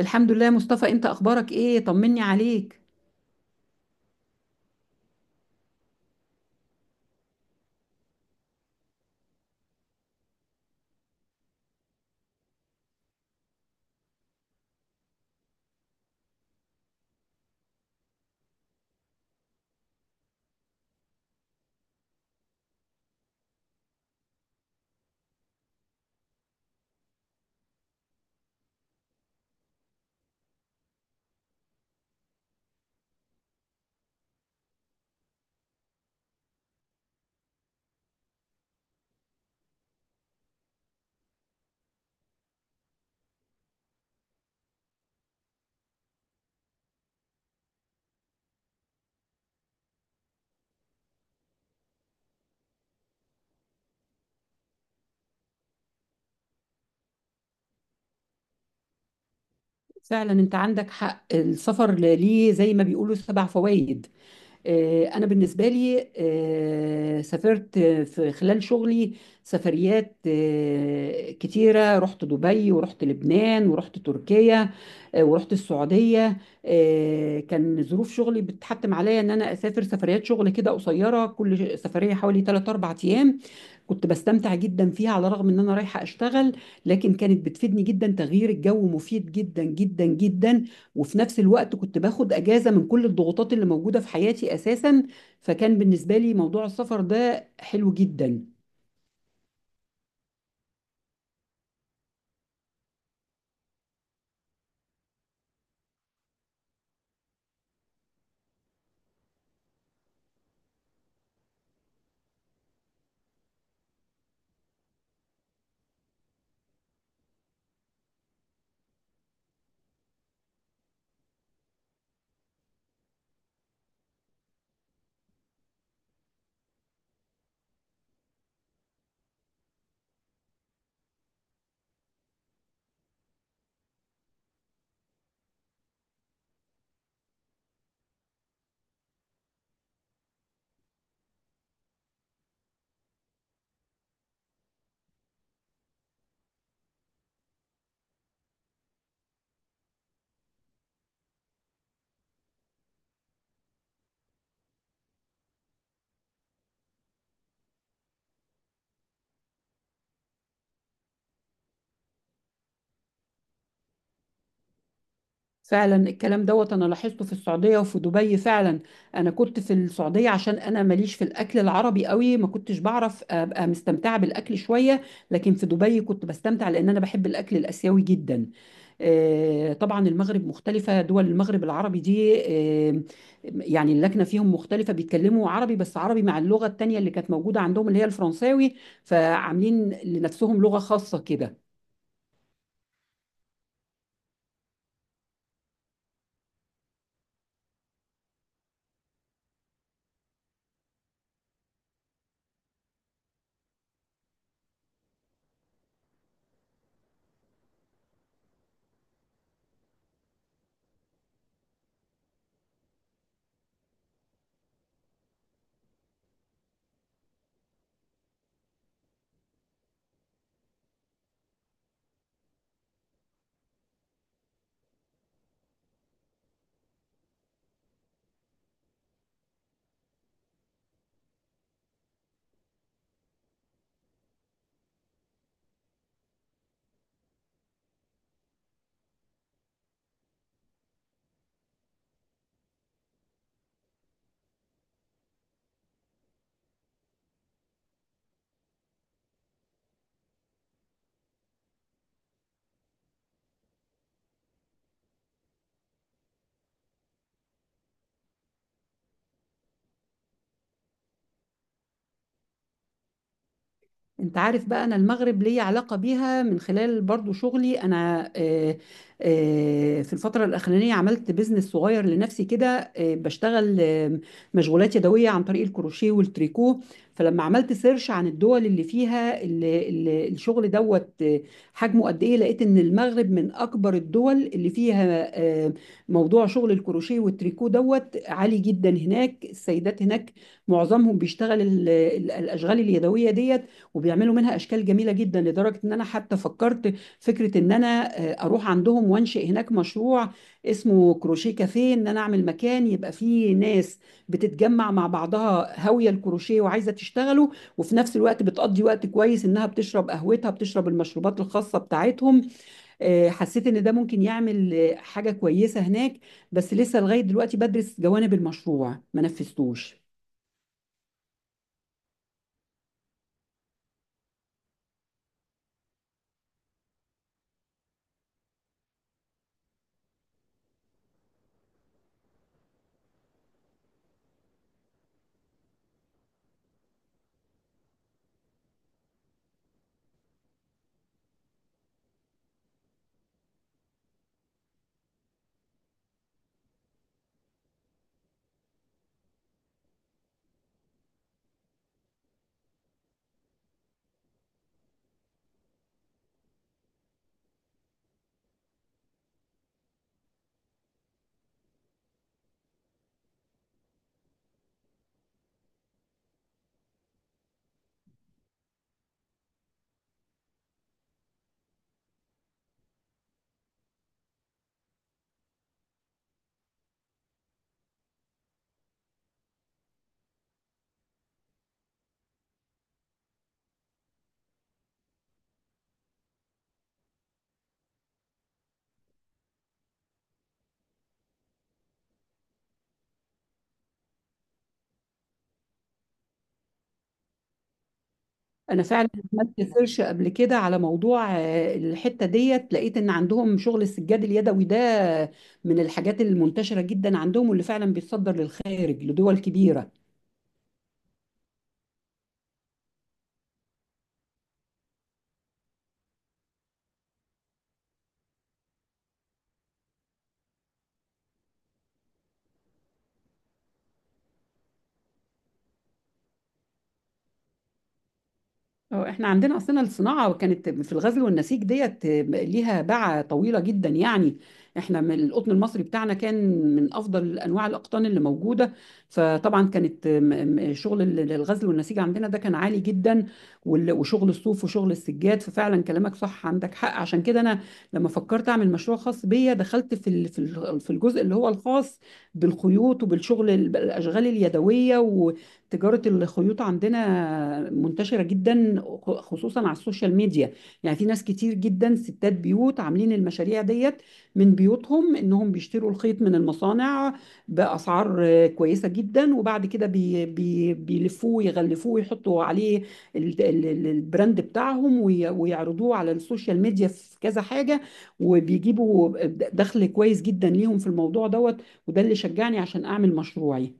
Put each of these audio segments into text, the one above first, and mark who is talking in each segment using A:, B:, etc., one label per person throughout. A: الحمد لله يا مصطفى، انت اخبارك ايه؟ طمني عليك. فعلا انت عندك حق، السفر ليه زي ما بيقولوا سبع فوائد. أنا بالنسبة لي سافرت في خلال شغلي سفريات كتيرة. رحت دبي ورحت لبنان ورحت تركيا ورحت السعودية. كان ظروف شغلي بتحتم عليا إن أنا أسافر سفريات شغل كده قصيرة، كل سفرية حوالي 3 4 أيام. كنت بستمتع جدا فيها على الرغم إن أنا رايحة أشتغل، لكن كانت بتفيدني جدا. تغيير الجو مفيد جدا جدا جدا، وفي نفس الوقت كنت باخد اجازه من كل الضغوطات اللي موجوده في حياتي اساسا. فكان بالنسبه لي موضوع السفر ده حلو جدا. فعلا الكلام دوت انا لاحظته في السعوديه وفي دبي. فعلا انا كنت في السعوديه، عشان انا ماليش في الاكل العربي قوي، ما كنتش بعرف ابقى مستمتعه بالاكل شويه. لكن في دبي كنت بستمتع لان انا بحب الاكل الاسيوي جدا. طبعا المغرب مختلفه، دول المغرب العربي دي يعني اللكنه فيهم مختلفه، بيتكلموا عربي، بس عربي مع اللغه التانيه اللي كانت موجوده عندهم اللي هي الفرنساوي. فعاملين لنفسهم لغه خاصه كده. انت عارف بقى، انا المغرب ليا علاقة بيها من خلال برضو شغلي انا. في الفترة الاخرانية عملت بيزنس صغير لنفسي كده، بشتغل مشغولات يدوية عن طريق الكروشيه والتريكو. فلما عملت سيرش عن الدول اللي فيها الشغل دوت حجمه قد ايه، لقيت ان المغرب من اكبر الدول اللي فيها آه، موضوع شغل الكروشيه والتريكو دوت عالي جدا هناك. السيدات هناك معظمهم بيشتغل الاشغال اليدوية ديت، وبيعملوا منها اشكال جميله جدا، لدرجه ان انا حتى فكرت فكره ان انا اروح عندهم وانشئ هناك مشروع اسمه كروشيه كافيه، ان انا اعمل مكان يبقى فيه ناس بتتجمع مع بعضها هاويه الكروشيه وعايزه تشتغلوا، وفي نفس الوقت بتقضي وقت كويس انها بتشرب قهوتها بتشرب المشروبات الخاصه بتاعتهم. حسيت ان ده ممكن يعمل حاجه كويسه هناك، بس لسه لغايه دلوقتي بدرس جوانب المشروع، ما نفذتوش. انا فعلا عملت سيرش قبل كده على موضوع الحته ديت، لقيت ان عندهم شغل السجاد اليدوي ده من الحاجات المنتشره جدا عندهم، واللي فعلا بيتصدر للخارج لدول كبيره. اه، احنا عندنا اصلا الصناعه كانت في الغزل والنسيج، ديت ليها باعة طويله جدا يعني. احنا من القطن المصري بتاعنا، كان من افضل انواع الاقطان اللي موجوده. فطبعا كانت شغل الغزل والنسيج عندنا ده كان عالي جدا، وشغل الصوف وشغل السجاد. ففعلا كلامك صح، عندك حق. عشان كده انا لما فكرت اعمل مشروع خاص بيا، دخلت في في الجزء اللي هو الخاص بالخيوط وبالشغل الاشغال اليدويه. تجارة الخيوط عندنا منتشرة جدا، خصوصا على السوشيال ميديا. يعني في ناس كتير جدا ستات بيوت عاملين المشاريع ديت من بيوتهم، انهم بيشتروا الخيط من المصانع بأسعار كويسة جدا، وبعد كده بي بي بيلفوه يغلفوه ويحطوا عليه البراند بتاعهم ويعرضوه على السوشيال ميديا في كذا حاجة، وبيجيبوا دخل كويس جدا ليهم في الموضوع دوت. وده اللي شجعني عشان اعمل مشروعي.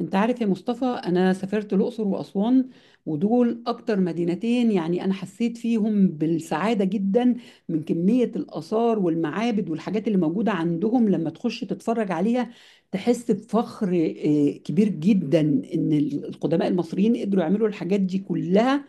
A: انت عارف يا مصطفى، انا سافرت الاقصر واسوان، ودول اكتر مدينتين يعني انا حسيت فيهم بالسعاده جدا، من كميه الاثار والمعابد والحاجات اللي موجوده عندهم. لما تخش تتفرج عليها تحس بفخر كبير جدا، ان القدماء المصريين قدروا يعملوا الحاجات دي كلها،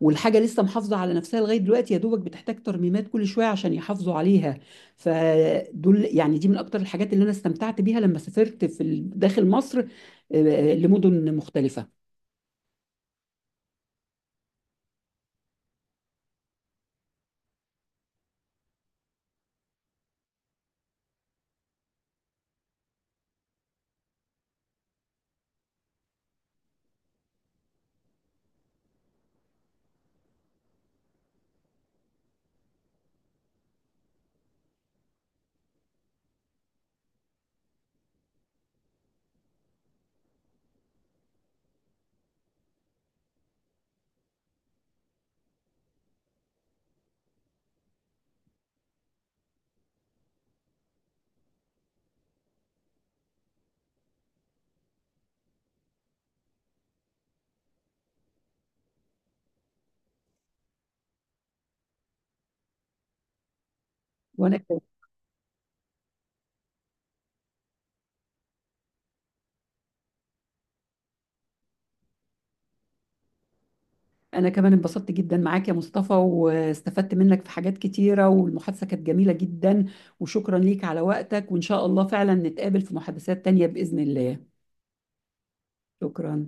A: والحاجة لسه محافظة على نفسها لغاية دلوقتي، يا دوبك بتحتاج ترميمات كل شوية عشان يحافظوا عليها. فدول يعني دي من أكتر الحاجات اللي أنا استمتعت بيها لما سافرت في داخل مصر آه، لمدن مختلفة. وانا ك- انا كمان انبسطت جدا معاك يا مصطفى، واستفدت منك في حاجات كتيرة، والمحادثة كانت جميلة جدا. وشكرا ليك على وقتك، وان شاء الله فعلا نتقابل في محادثات تانية بإذن الله. شكرا.